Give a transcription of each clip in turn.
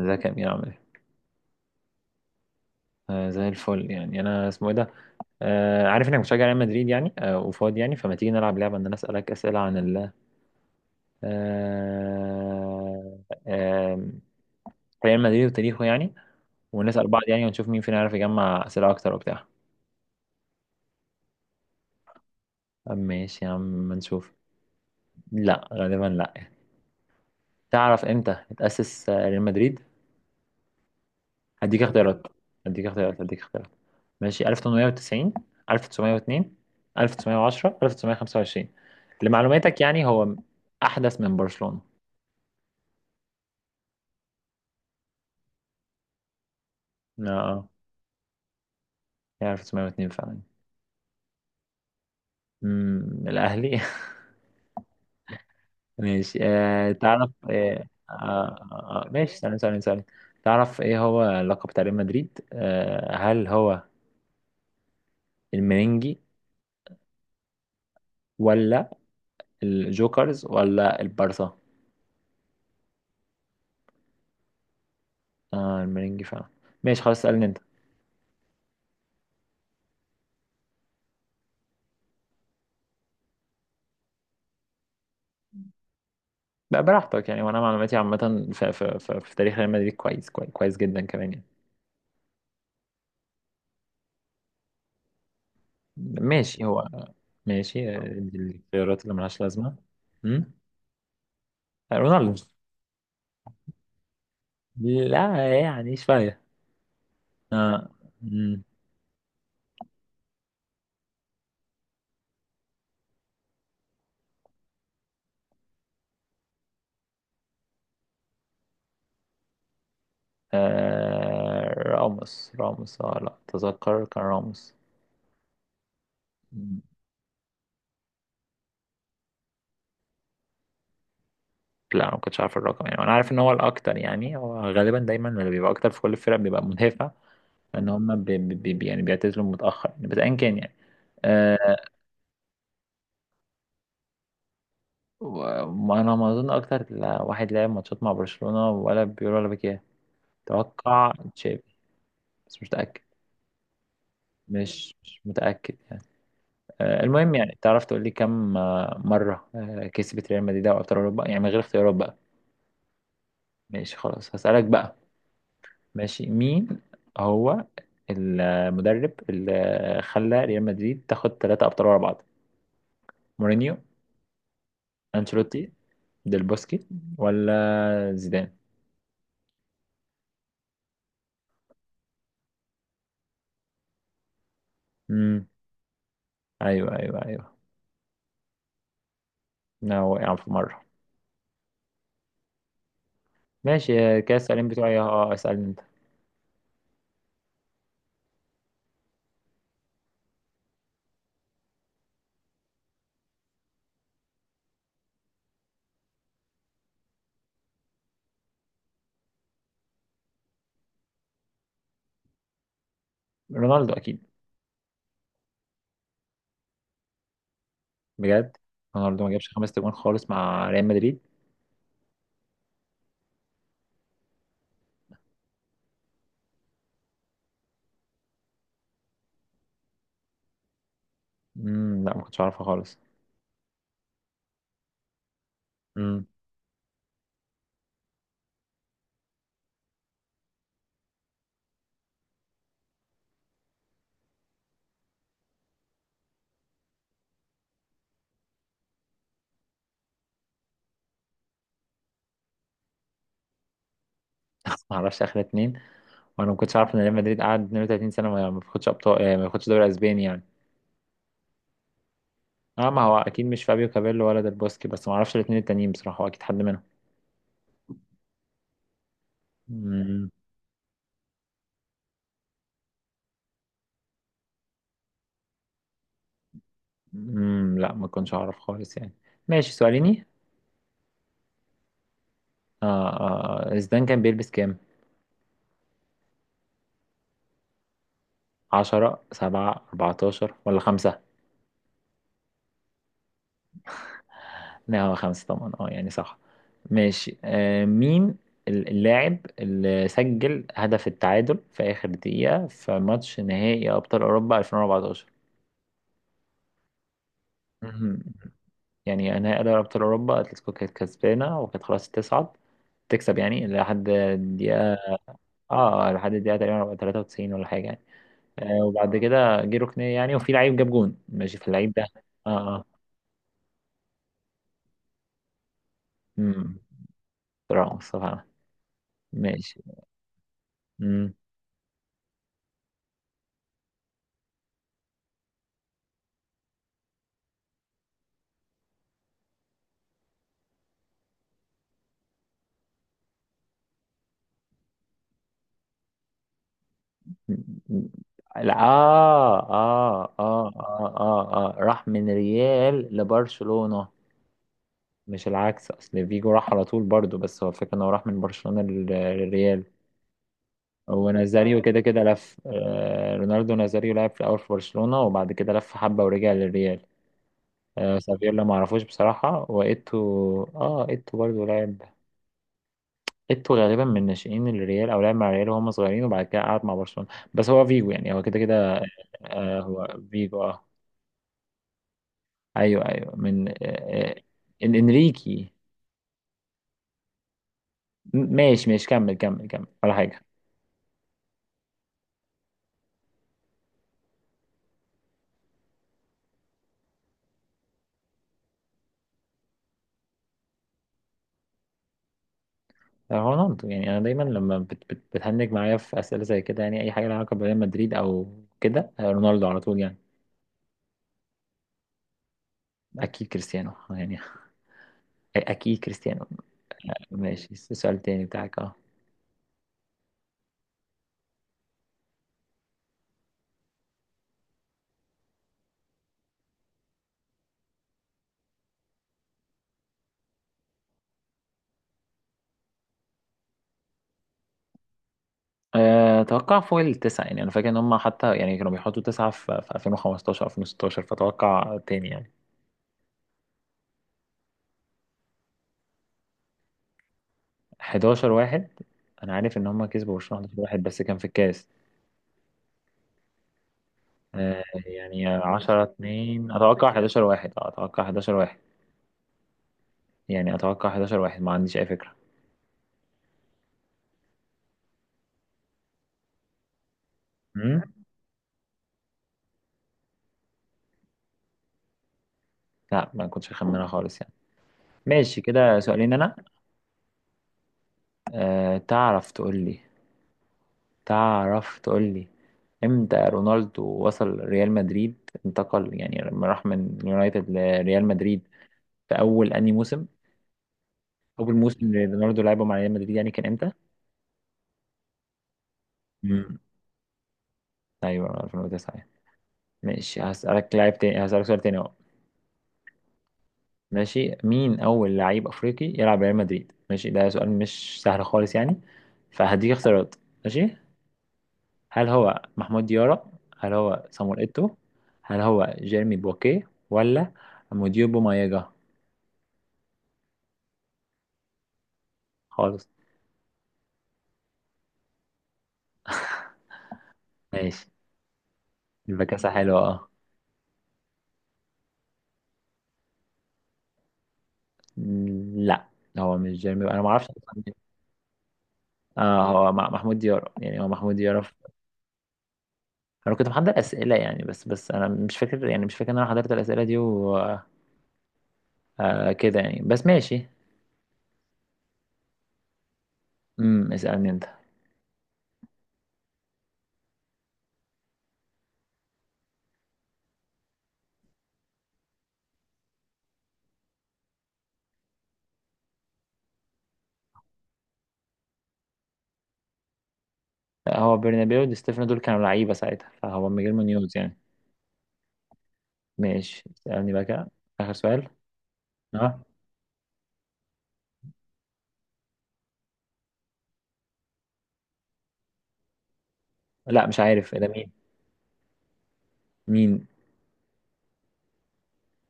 ازيك يا امير، عامل ايه؟ آه، زي الفل. يعني انا اسمه ايه ده؟ عارف انك بتشجع ريال مدريد يعني وفاضي. يعني فما تيجي نلعب لعبه ان انا اسالك اسئله عن ال آه آه ريال مدريد وتاريخه، يعني ونسال بعض يعني، ونشوف مين فينا يعرف يجمع اسئله اكتر وبتاع. آه، ماشي يا عم، ما نشوف. لا، غالبا لا. تعرف امتى اتاسس ريال مدريد؟ هديك اختيارات هديك اختيارات. ماشي، 1890، 1902، 1910، 1925؟ لمعلوماتك يعني هو أحدث من برشلونة. اه، هي 1902 فعلا. الأهلي. ماشي، تعرف، ماشي، ثانية ثانية ثانية. تعرف ايه هو لقب بتاع ريال مدريد؟ هل هو المرنجي ولا الجوكرز ولا البارسا؟ آه، المرنجي فعلا. ماشي، خلاص اسألني انت. بقى براحتك يعني، وانا معلوماتي عامه في تاريخ ريال مدريد كويس، كويس، كويس جدا كمان يعني. ماشي هو. ماشي، دي الخيارات اللي ملهاش لازمه. امم. رونالدو. لا، يعني شويه. آه. مم. آه، راموس، راموس، اه لا، تذكر كان راموس. مم. لا، انا ما كنتش عارف الرقم، يعني انا عارف ان هو الاكتر يعني، هو غالبا دايما اللي بيبقى اكتر في كل الفرق بيبقى مدافع. لان هم بي بي بي يعني بيعتزلوا متاخر يعني، بس ايا كان يعني. آه، وانا ما اظن اكتر واحد لعب ماتشات مع برشلونة ولا بيقول ولا بكيه. اتوقع تشافي، بس مش متأكد. مش متأكد. آه، المهم يعني تعرف تقول لي كم مرة كسبت ريال مدريد دوري ابطال اوروبا؟ يعني من غير اختيارات بقى. ماشي، خلاص هسألك بقى. ماشي، مين هو المدرب اللي خلى ريال مدريد تاخد ثلاثة ابطال ورا بعض؟ مورينيو، انشيلوتي، ديل بوسكي ولا زيدان؟ امم. ايوه ايوه ايوه. لا، وقع في مرة. ماشي، آه، كاس السؤالين بتوعي. اه، اسألني انت. رونالدو اكيد. بجد؟ رونالدو ما جابش خمس تجوان خالص مع ريال مدريد. لا، ما كنتش اعرفها خالص. امم. ما اعرفش اخر اتنين. وانا ما كنتش عارف ان ريال مدريد قعد 32 سنه ما بياخدش ابطال، آه، ما بياخدش دوري اسباني يعني. اه، ما هو اكيد مش فابيو كابيلو ولا ديل بوسكي، بس ما اعرفش الاتنين التانيين بصراحه. هو اكيد حد منهم. امم. لا، ما كنتش اعرف خالص يعني. ماشي، سؤاليني. آه. زيدان كان بيلبس كام؟ 10، 7، 14 ولا 5؟ لا، هو خمسة طبعا، اه يعني صح. ماشي، مين اللاعب اللي سجل هدف التعادل في آخر دقيقة في ماتش نهائي أبطال أوروبا 2014؟ مهم. يعني نهائي أبطال أوروبا، أتلتيكو كانت كسبانة وكانت خلاص تصعد، تكسب يعني لحد الدقيقة. اه، لحد الدقيقة تقريبا 93 ولا حاجة يعني. آه، وبعد كده جه ركنية يعني، وفي لعيب جاب جون. ماشي في اللعيب ده؟ اه. اه. امم. مصطفى عمل. ماشي. مم. لا، راح من ريال لبرشلونة، مش العكس. أصل فيجو راح على طول برضو، بس هو الفكرة إنه راح من برشلونة للريال. هو نازاريو، اه كده كده لف. رونالدو نازاريو لعب في الأول في برشلونة، وبعد كده لف حبة ورجع للريال. آه، سافيولا معرفوش بصراحة. وإيتو، آه إيتو برضو لعب. إيتو غالبا من ناشئين الريال أو لعب مع الريال وهم صغيرين، وبعد كده قعد مع برشلونة. بس هو فيجو يعني، هو كده كده. آه، هو فيجو آه. ايوه، ايوه، من انريكي. ماشي ماشي، كمل كمل كمل ولا حاجه. رونالدو، يعني انا دايما لما بت بت بتهنج معايا في اسئله زي كده، يعني اي حاجه لها علاقه بريال مدريد او كده، آه، رونالدو على طول يعني. اكيد كريستيانو يعني اكيد كريستيانو. ماشي، سؤال تاني بتاعك. اه. آه، اتوقع فوق التسعه يعني. انا فاكر ان هم حتى يعني كانوا بيحطوا تسعه في 2015 2016، فاتوقع تاني يعني. 11 واحد. انا عارف ان هم كسبوا برشلونه 11 واحد، بس كان في الكاس. آه، يعني 10 2. اتوقع 11 واحد. آه، اتوقع 11 واحد. يعني اتوقع 11 واحد، ما عنديش اي فكرة. مم؟ لا، ما كنتش اخمنها خالص يعني. ماشي كده سؤالين انا. أه تعرف تقول لي تعرف تقول لي امتى رونالدو وصل ريال مدريد؟ انتقل يعني لما راح من اليونايتد لريال مدريد، في اول انهي موسم؟ اول موسم اللي رونالدو لعبه مع ريال مدريد يعني كان امتى؟ امم. ايوه، 2009. ماشي هسألك لاعب تاني، هسألك سؤال تاني. ماشي، مين أول لعيب أفريقي يلعب ريال مدريد؟ ماشي، ده سؤال مش سهل خالص يعني، فهديك اختيارات. ماشي. هل هو محمود ديارة؟ هل هو صامويل إيتو؟ هل هو جيرمي بوكيه، ولا موديبو مايجا؟ خالص. ماشي. يبقى كاسة حلوة، اه. لا، هو مش جيرمي. أنا معرفش أصلاً مين. اه، هو محمود ديارة يعني، هو محمود ديارة في... أنا كنت محضر أسئلة يعني، بس أنا مش فاكر، يعني مش فاكر إن أنا حضرت الأسئلة دي وكده يعني، بس ماشي. اسألني أنت. لا، هو برنابيو ودي ستيفانو دول كانوا لعيبة ساعتها، فهو ميغيل مونيوز يعني. ماشي، اسألني بقى كده. آخر سؤال. اه. لا، مش عارف إيه ده مين. مين؟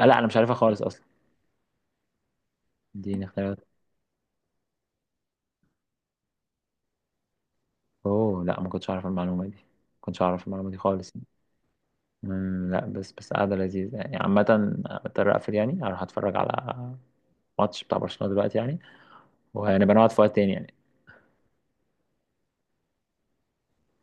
آه لا، أنا مش عارفها خالص أصلا. اديني اختيارات. أوه لا، ما كنتش أعرف المعلومة دي، ما كنتش أعرف المعلومة دي خالص. لا، بس بس قاعدة لذيذة يعني عامة. مضطر أقفل يعني، أروح أتفرج على ماتش بتاع برشلونة دلوقتي يعني. وهنبقى نقعد في وقت تاني يعني.